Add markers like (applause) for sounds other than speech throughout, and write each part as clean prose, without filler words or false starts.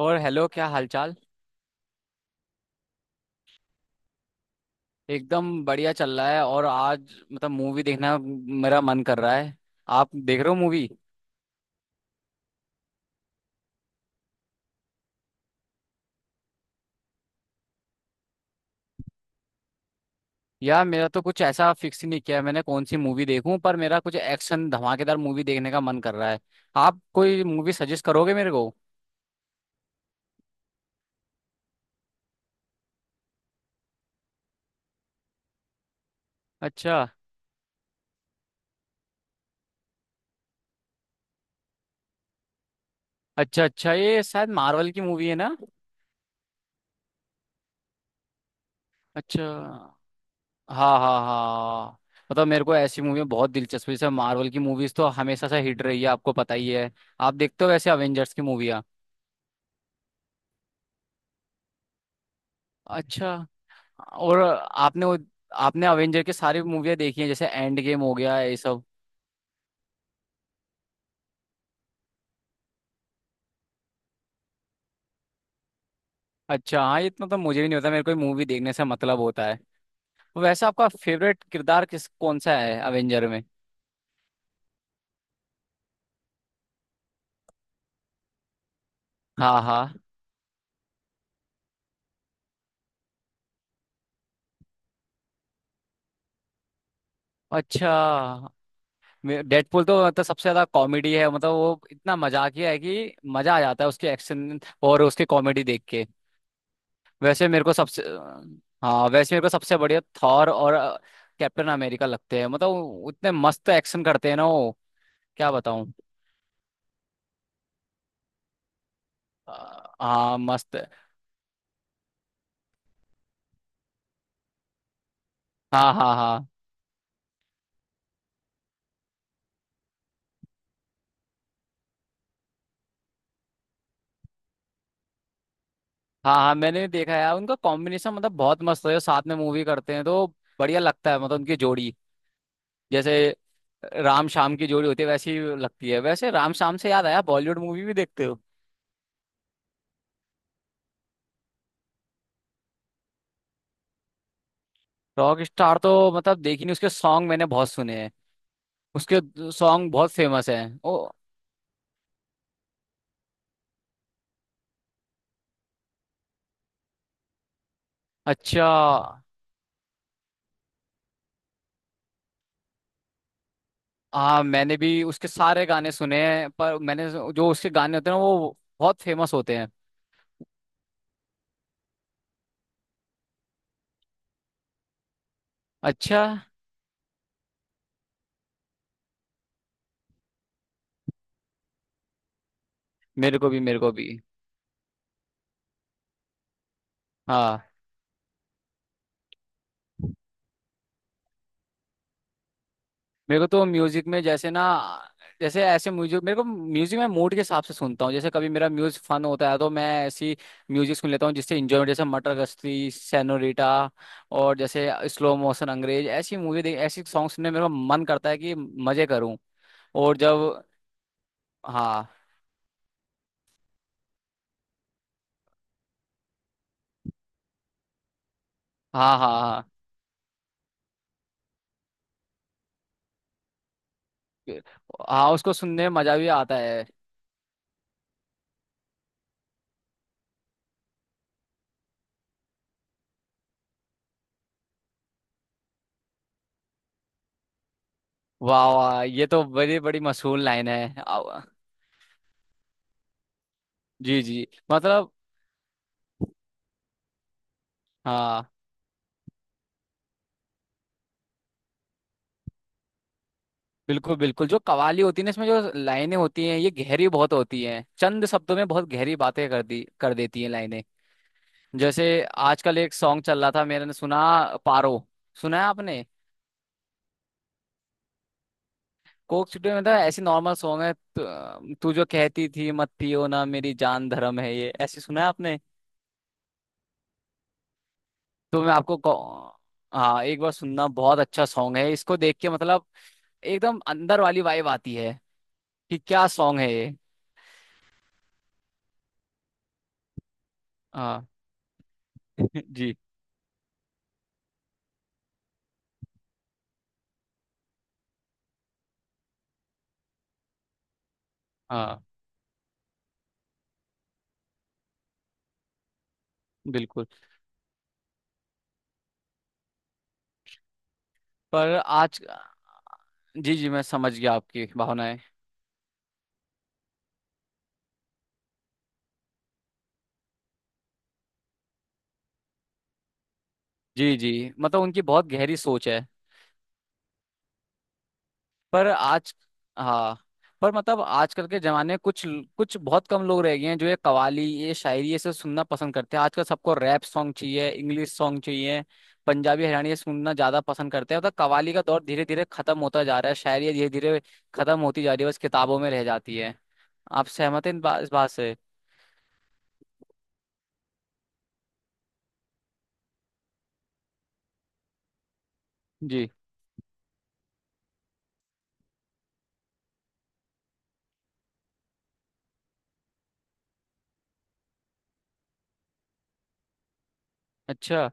और हेलो, क्या हालचाल। एकदम बढ़िया चल रहा है। और आज मूवी देखना मेरा मन कर रहा है। आप देख रहे हो मूवी? यार मेरा तो कुछ ऐसा फिक्स ही नहीं किया है मैंने कौन सी मूवी देखूं, पर मेरा कुछ एक्शन धमाकेदार मूवी देखने का मन कर रहा है। आप कोई मूवी सजेस्ट करोगे मेरे को? अच्छा, अच्छा अच्छा, ये शायद मार्वल की मूवी है ना? अच्छा। हाँ हाँ हाँ। मेरे को ऐसी मूवी में बहुत दिलचस्पी। जैसे मार्वल की मूवीज तो हमेशा से हिट रही है, आपको पता ही है। आप देखते हो वैसे अवेंजर्स की मूवियाँ? अच्छा। और आपने वो, आपने अवेंजर के सारी मूवियाँ देखी हैं? जैसे एंड गेम हो गया ये सब। अच्छा हाँ, ये इतना तो मुझे भी नहीं होता, मेरे को मूवी देखने से मतलब होता है। वैसे आपका फेवरेट किरदार किस कौन सा है अवेंजर में? हाँ हाँ। अच्छा। डेडपुल तो सबसे ज्यादा कॉमेडी है, वो इतना मजाकिया है कि मजा आ जाता है उसके एक्शन और उसकी कॉमेडी देख के। वैसे मेरे को सबसे हाँ, वैसे मेरे को सबसे बढ़िया थॉर और कैप्टन अमेरिका लगते हैं। वो उतने मस्त एक्शन करते हैं ना वो, क्या बताऊं। हाँ मस्त है। हाँ हाँ हाँ। हाँ हाँ, मैंने देखा है उनका कॉम्बिनेशन, बहुत मस्त है जो साथ में मूवी करते हैं, तो बढ़िया लगता है उनकी जोड़ी। जैसे राम शाम की जोड़ी होती है वैसी लगती है। वैसे राम शाम से याद आया, बॉलीवुड मूवी भी देखते हो? रॉक स्टार तो देखी नहीं, उसके सॉन्ग मैंने बहुत सुने हैं। उसके सॉन्ग बहुत फेमस हैं ओ। अच्छा। हाँ मैंने भी उसके सारे गाने सुने हैं, पर मैंने जो उसके गाने होते हैं ना वो बहुत फेमस होते हैं। अच्छा। मेरे को भी, मेरे को भी। हाँ, मेरे को तो म्यूजिक में जैसे ना, जैसे ऐसे म्यूजिक मेरे को म्यूजिक मैं मूड के हिसाब से सुनता हूँ। जैसे कभी मेरा म्यूजिक फन होता है तो मैं ऐसी म्यूजिक सुन लेता हूँ जिससे इंजॉय, जैसे मटर गश्ती, सेनोरिटा, और जैसे स्लो मोशन, अंग्रेज, ऐसी मूवी देख ऐसी सॉन्ग सुनने में मेरा मन करता है कि मजे करूँ। और जब, हाँ हाँ हाँ। हाँ हाँ, उसको सुनने में मजा भी आता है। वाह वाह, ये तो बड़ी बड़ी मशहूर लाइन है। जी जी, मतलब। हाँ बिल्कुल बिल्कुल, जो कवाली होती है ना, इसमें जो लाइनें होती हैं ये गहरी बहुत होती हैं, चंद शब्दों में बहुत गहरी बातें कर देती हैं लाइनें। जैसे आजकल एक सॉन्ग चल रहा था मैंने सुना, पारो, सुना है आपने? कोक स्टूडियो में था, ऐसी नॉर्मल सॉन्ग है। तू तू जो कहती थी मत पियो ना मेरी जान धर्म है ये, ऐसे सुना है आपने? तो मैं आपको कौ- हाँ, एक बार सुनना, बहुत अच्छा सॉन्ग है। इसको देख के मतलब एकदम अंदर वाली वाइब आती है कि क्या सॉन्ग है ये। हाँ। (laughs) जी। हाँ बिल्कुल। पर आज, जी जी मैं समझ गया आपकी भावनाएं। जी जी, मतलब उनकी बहुत गहरी सोच है। पर आज, हाँ। पर आजकल के जमाने में कुछ कुछ बहुत कम लोग रह गए हैं जो ये कवाली, ये शायरी, ये सब सुनना पसंद करते हैं। आजकल सबको रैप सॉन्ग चाहिए, इंग्लिश सॉन्ग चाहिए, पंजाबी हरियाणवी सुनना ज्यादा पसंद करते हैं। कवाली का दौर धीरे धीरे खत्म होता जा रहा है, शायरी धीरे धीरे खत्म होती जा रही है, बस किताबों में रह जाती है। आप सहमत हैं इस बात से? जी। अच्छा।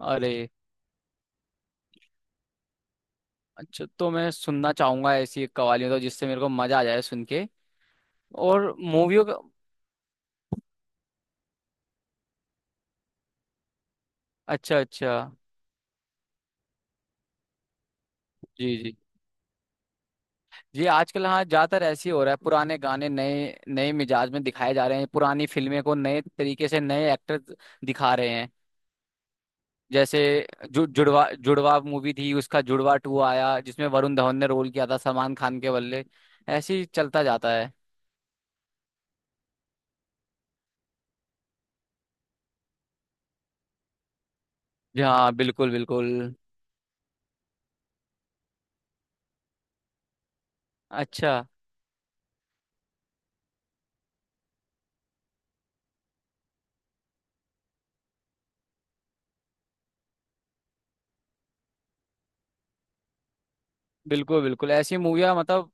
अरे। अच्छा, तो मैं सुनना चाहूंगा ऐसी एक कवालियां तो, जिससे मेरे को मजा आ जाए सुन के। और मूवियों का। अच्छा अच्छा। जी जी जी, आजकल हाँ ज्यादातर ऐसे ही हो रहा है, पुराने गाने नए नए मिजाज में दिखाए जा रहे हैं, पुरानी फिल्में को नए तरीके से नए एक्टर दिखा रहे हैं। जैसे जु, जुड़वा जुड़वा मूवी थी, उसका जुड़वा टू आया जिसमें वरुण धवन ने रोल किया था सलमान खान के बल्ले। ऐसे ही चलता जाता है। जी हाँ बिल्कुल बिल्कुल। अच्छा। बिल्कुल बिल्कुल, ऐसी मूवियाँ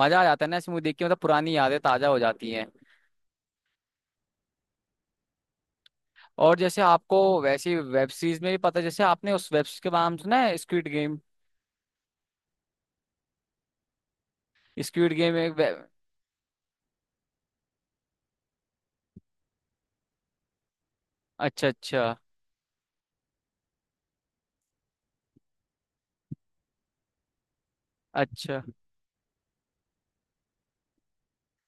मजा आ जाता है ना ऐसी मूवी देख के, मतलब पुरानी यादें ताजा हो जाती हैं। और जैसे आपको वैसी वेब सीरीज में भी पता है? जैसे आपने उस वेब सीरीज के नाम सुना है स्क्विड गेम? स्क्विड गेम एक अच्छा अच्छा। अच्छा,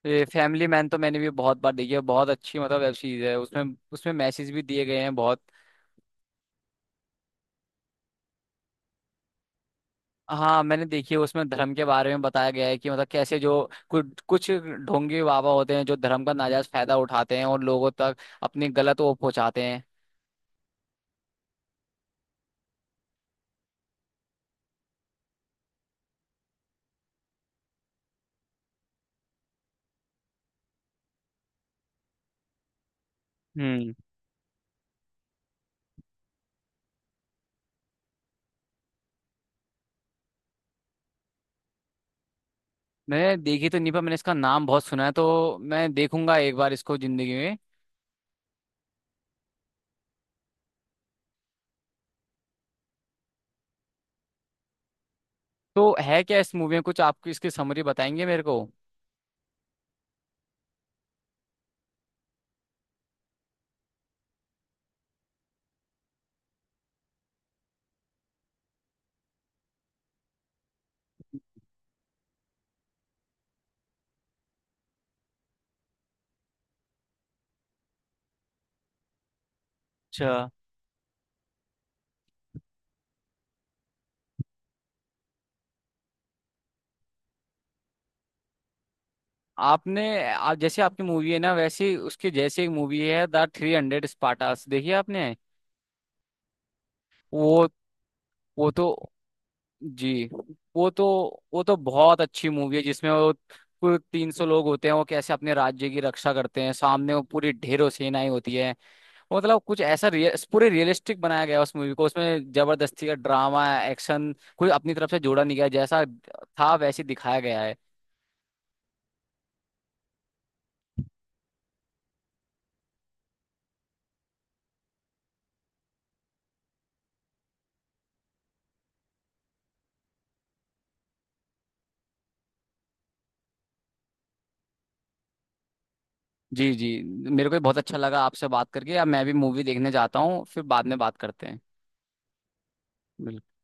ये फैमिली मैन तो मैंने भी बहुत बार देखी है, बहुत अच्छी वेब सीरीज है, उसमें उसमें मैसेज भी दिए गए हैं बहुत। हाँ मैंने देखी है, उसमें धर्म के बारे में बताया गया है कि मतलब कैसे जो कुछ कुछ ढोंगी बाबा होते हैं जो धर्म का नाजायज फायदा उठाते हैं और लोगों तक अपनी गलत वो पहुंचाते हैं। हम्म। मैंने देखी तो नहीं, पर मैंने इसका नाम बहुत सुना है, तो मैं देखूंगा एक बार इसको जिंदगी में। तो है क्या इस मूवी में कुछ, आपको इसकी समरी बताएंगे मेरे को? अच्छा। आपने आप जैसे आपकी मूवी है ना, वैसे उसके जैसे एक मूवी है द 300 स्पार्टास, देखिए आपने। वो वो तो, जी, वो तो, वो तो बहुत अच्छी मूवी है जिसमें वो कुल 300 लोग होते हैं, वो कैसे अपने राज्य की रक्षा करते हैं, सामने वो पूरी ढेरों सेनाएं होती है। तो कुछ ऐसा रियल, पूरे रियलिस्टिक बनाया गया है उस मूवी को। उसमें जबरदस्ती का ड्रामा, एक्शन, कोई अपनी तरफ से जोड़ा नहीं गया, जैसा था वैसे दिखाया गया है। जी जी, मेरे को भी बहुत अच्छा लगा आपसे बात करके। अब मैं भी मूवी देखने जाता हूँ, फिर बाद में बात करते हैं। बिल्कुल।